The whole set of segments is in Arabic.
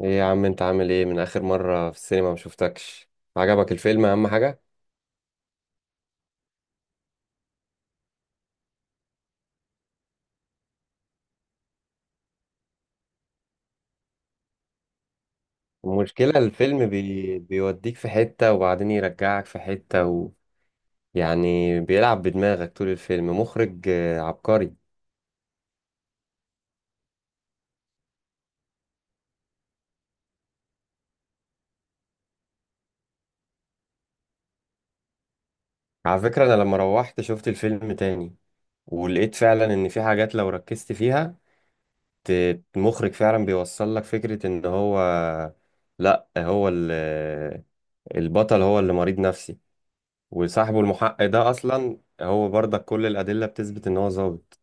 ايه يا عم، انت عامل ايه من اخر مرة في السينما؟ ما شفتكش. عجبك الفيلم؟ اهم حاجة. المشكلة الفيلم بيوديك في حتة وبعدين يرجعك في حتة يعني بيلعب بدماغك طول الفيلم. مخرج عبقري. على فكرة انا لما روحت شفت الفيلم تاني ولقيت فعلا ان في حاجات لو ركزت فيها. المخرج فعلا بيوصل لك فكرة ان هو لا هو ال... البطل هو اللي مريض نفسي، وصاحبه المحقق ده اصلا هو برضك كل الادله بتثبت ان هو ظابط.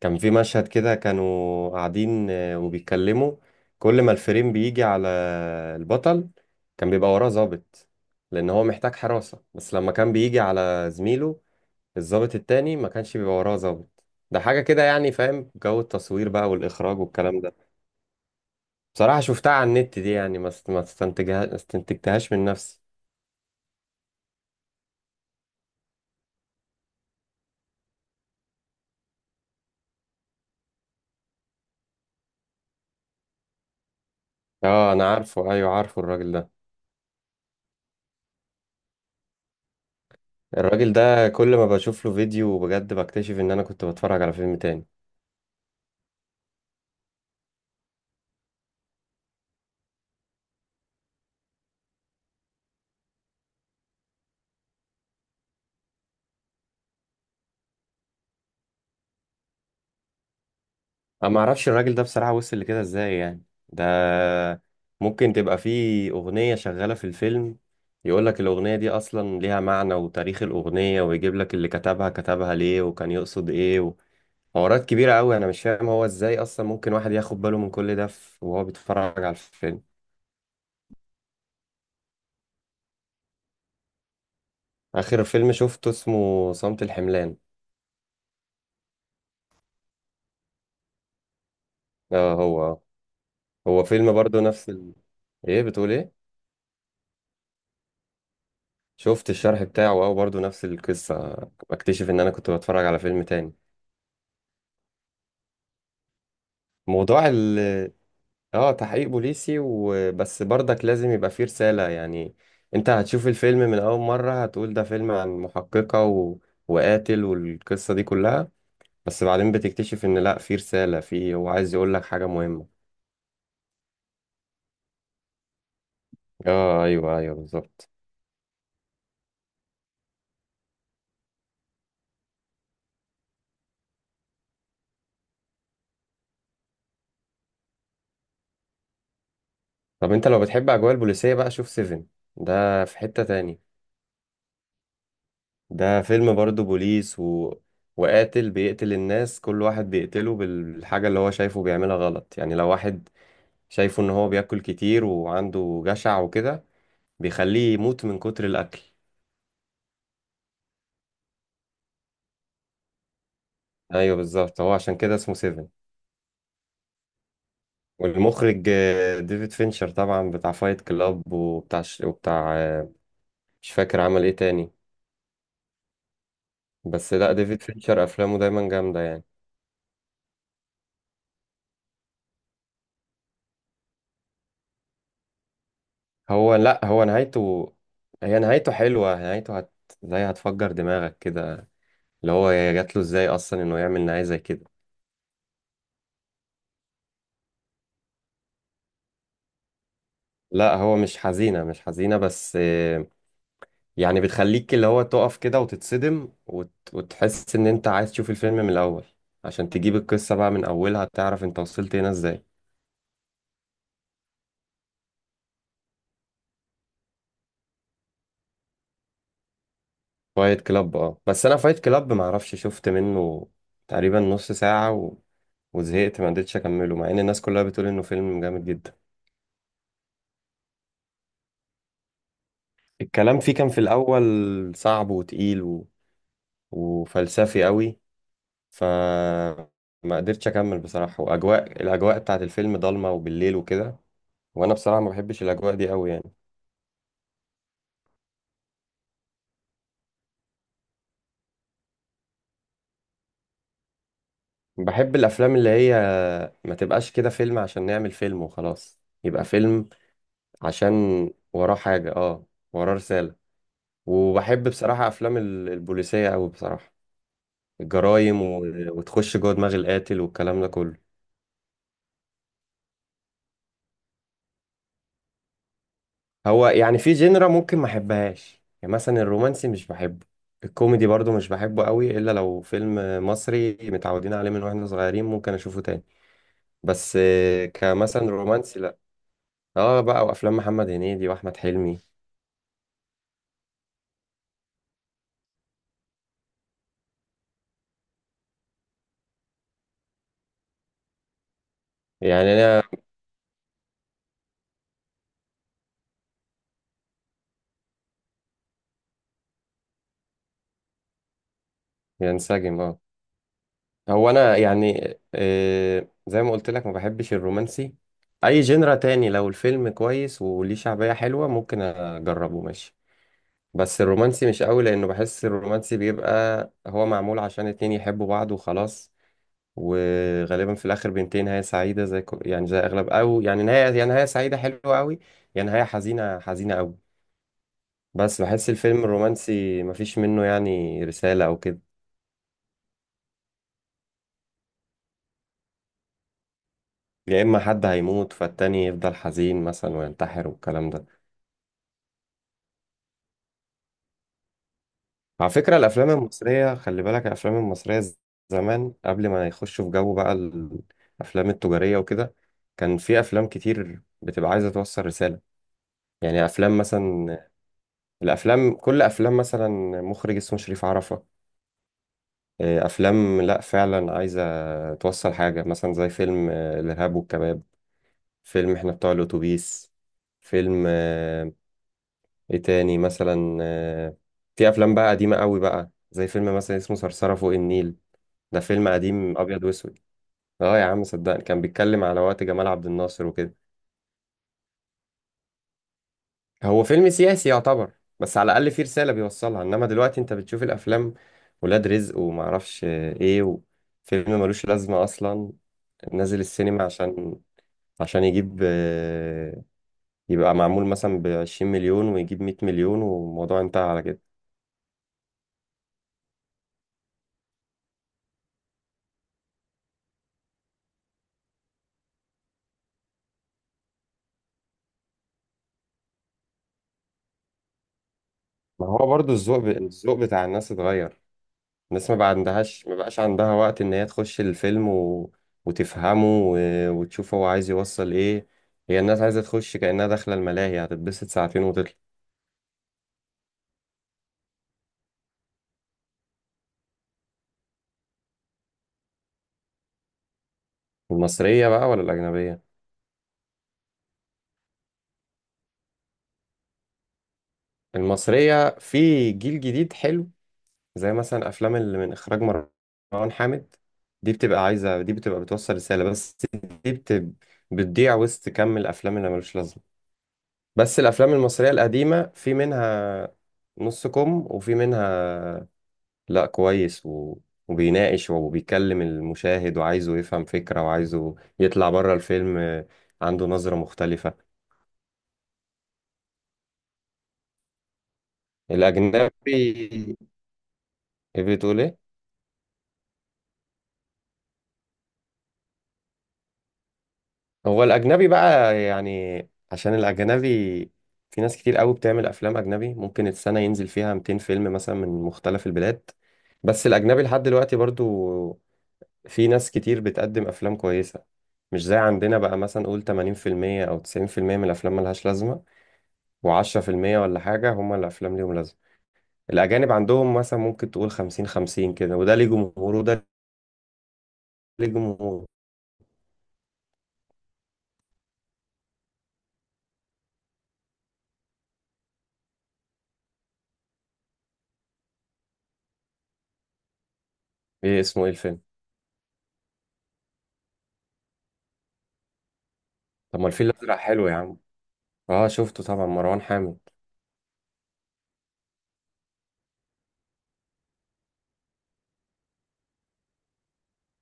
كان في مشهد كده كانوا قاعدين وبيتكلموا، كل ما الفريم بيجي على البطل كان بيبقى وراه ظابط لان هو محتاج حراسه، بس لما كان بيجي على زميله الظابط التاني ما كانش بيبقى وراه ظابط. ده حاجه كده يعني، فاهم جو التصوير بقى والاخراج والكلام ده. بصراحه شفتها على النت دي يعني، ما است- ما استنتجها استنتجتهاش من نفسي. اه انا عارفه، ايوه عارفه الراجل ده. الراجل ده كل ما بشوف له فيديو بجد بكتشف ان انا كنت بتفرج على فيلم تاني. انا ما اعرفش الراجل ده بصراحة، وصل لكده ازاي يعني؟ ده ممكن تبقى فيه اغنية شغالة في الفيلم، يقول لك الاغنية دي اصلا ليها معنى وتاريخ الاغنية، ويجيب لك اللي كتبها كتبها ليه وكان يقصد ايه. وحوارات كبيرة قوي، انا مش فاهم هو ازاي اصلا ممكن واحد ياخد باله من كل ده وهو بيتفرج على الفيلم. اخر فيلم شفته اسمه صمت الحملان. اه هو. هو فيلم برضه نفس ايه بتقول ايه؟ شفت الشرح بتاعه، اه برضه نفس القصة. بكتشف ان انا كنت بتفرج على فيلم تاني. موضوع ال اه تحقيق بوليسي وبس، برضك لازم يبقى فيه رسالة يعني. انت هتشوف الفيلم من اول مرة هتقول ده فيلم عن محققة وقاتل والقصة دي كلها. بس بعدين بتكتشف ان لا، فيه رسالة، فيه هو عايز يقول لك حاجة مهمة. اه ايوه ايوه بالظبط. طب انت لو بتحب اجواء البوليسية بقى شوف سيفن. ده في حتة تاني. ده فيلم برضه بوليس وقاتل بيقتل الناس، كل واحد بيقتله بالحاجة اللي هو شايفه بيعملها غلط يعني. لو واحد شايفه ان هو بياكل كتير وعنده جشع وكده بيخليه يموت من كتر الأكل. ايوه بالظبط، هو عشان كده اسمه سيفن. والمخرج ديفيد فينشر طبعا، بتاع فايت كلاب وبتاع وبتاع مش فاكر عمل ايه تاني. بس لا، ديفيد فينشر افلامه دايما جامدة يعني. هو لا، هو نهايته، هي نهايته حلوة. نهايته زي هتفجر دماغك كده، اللي هو جات له ازاي اصلا انه يعمل نهاية زي كده. لا هو مش حزينة بس يعني بتخليك اللي هو تقف كده وتتصدم وتحس ان انت عايز تشوف الفيلم من الاول، عشان تجيب القصة بقى من اولها، تعرف انت وصلت هنا ازاي. فايت كلاب، اه بس انا فايت كلاب معرفش شفت منه تقريبا نص ساعة وزهقت، ما قدرتش اكمله مع ان الناس كلها بتقول انه فيلم جامد جدا. الكلام فيه كان في الاول صعب وتقيل وفلسفي قوي. فما قدرتش اكمل بصراحه. الاجواء بتاعت الفيلم ضلمه وبالليل وكده، وانا بصراحه ما بحبش الاجواء دي قوي يعني. بحب الافلام اللي هي ما تبقاش كده فيلم عشان نعمل فيلم وخلاص يبقى فيلم. عشان وراه حاجه، اه، وراه رساله. وبحب بصراحه افلام البوليسيه قوي بصراحه. الجرايم وتخش جوه دماغ القاتل والكلام ده كله. هو يعني في جينرا ممكن ما احبهاش، يعني مثلا الرومانسي مش بحبه. الكوميدي برضو مش بحبه قوي، الا لو فيلم مصري متعودين عليه من واحنا صغيرين ممكن اشوفه تاني. بس كمثلا رومانسي لا. اه بقى، وافلام محمد هنيدي واحمد حلمي. يعني انا ينسجم، اه. هو انا يعني زي ما قلت لك ما بحبش الرومانسي. اي جينرا تاني لو الفيلم كويس وليه شعبية حلوة ممكن اجربه ماشي. بس الرومانسي مش قوي، لانه بحس الرومانسي بيبقى هو معمول عشان اتنين يحبوا بعض وخلاص. وغالبا في الاخر بينتهي نهايه سعيده، زي يعني زي اغلب، او يعني نهايه، يا نهايه سعيده حلوه قوي، يا نهايه حزينه حزينه قوي. بس بحس الفيلم الرومانسي مفيش منه يعني رساله او كده. يا اما حد هيموت فالتاني يفضل حزين مثلا وينتحر والكلام ده. على فكرة الأفلام المصرية، خلي بالك، الأفلام المصرية زمان قبل ما يخشوا في جو بقى الأفلام التجارية وكده، كان في أفلام كتير بتبقى عايزة توصل رسالة. يعني أفلام مثلا، كل أفلام مثلا مخرج اسمه شريف عرفة. أفلام لأ فعلا عايزة توصل حاجة، مثلا زي فيلم الإرهاب والكباب، فيلم إحنا بتوع الأتوبيس، فيلم إيه تاني مثلا في أفلام بقى قديمة قوي بقى، زي فيلم مثلا اسمه صرصرة فوق النيل. ده فيلم قديم ابيض واسود. اه يا عم صدقني، كان بيتكلم على وقت جمال عبد الناصر وكده. هو فيلم سياسي يعتبر، بس على الاقل فيه رساله بيوصلها. انما دلوقتي انت بتشوف الافلام، ولاد رزق وما اعرفش ايه، وفيلم ملوش لازمه اصلا نازل السينما عشان يجيب يبقى معمول مثلا ب 20 مليون ويجيب 100 مليون والموضوع انتهى على كده. ما هو برضو الذوق الذوق بتاع الناس اتغير. الناس ما بقاش عندها وقت ان هي تخش الفيلم وتفهمه وتشوف هو عايز يوصل ايه. هي الناس عايزة تخش كأنها داخلة الملاهي، هتتبسط ساعتين وتطلع. المصرية بقى ولا الأجنبية؟ المصرية في جيل جديد حلو، زي مثلا أفلام اللي من إخراج مروان حامد. دي بتبقى بتوصل رسالة بس. دي بتضيع وسط كم الأفلام اللي ملوش لازمة. بس الأفلام المصرية القديمة في منها نص كم، وفي منها لا كويس وبيناقش وبيكلم المشاهد وعايزه يفهم فكرة وعايزه يطلع بره الفيلم عنده نظرة مختلفة. الأجنبي، إيه بتقول إيه؟ هو الأجنبي بقى يعني، عشان الأجنبي في ناس كتير قوي بتعمل أفلام أجنبي. ممكن السنة ينزل فيها 200 فيلم مثلا من مختلف البلاد، بس الأجنبي لحد دلوقتي برضو في ناس كتير بتقدم أفلام كويسة. مش زي عندنا بقى، مثلا قول 80% أو 90% من الأفلام ملهاش لازمة، وعشرة في المية ولا حاجة هما الأفلام ليهم لازمة. الأجانب عندهم مثلا ممكن تقول خمسين خمسين كده، وده ليه جمهوره وده ليه جمهوره. إيه اسمه إيه الفيلم؟ طب ما الفيل الأزرق حلو يا عم. أه شفته طبعا، مروان حامد.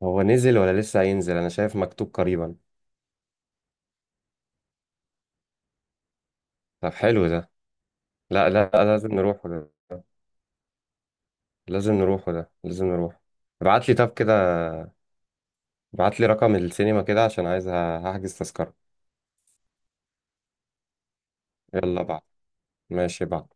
هو نزل ولا لسه هينزل؟ أنا شايف مكتوب قريبا. طب حلو ده. لا لا، لازم نروحه ده، لازم نروحه ده، لازم نروح. ابعت لي طب كده، ابعت لي رقم السينما كده عشان عايز هحجز تذكرة. يلا بعد. ماشي بعد.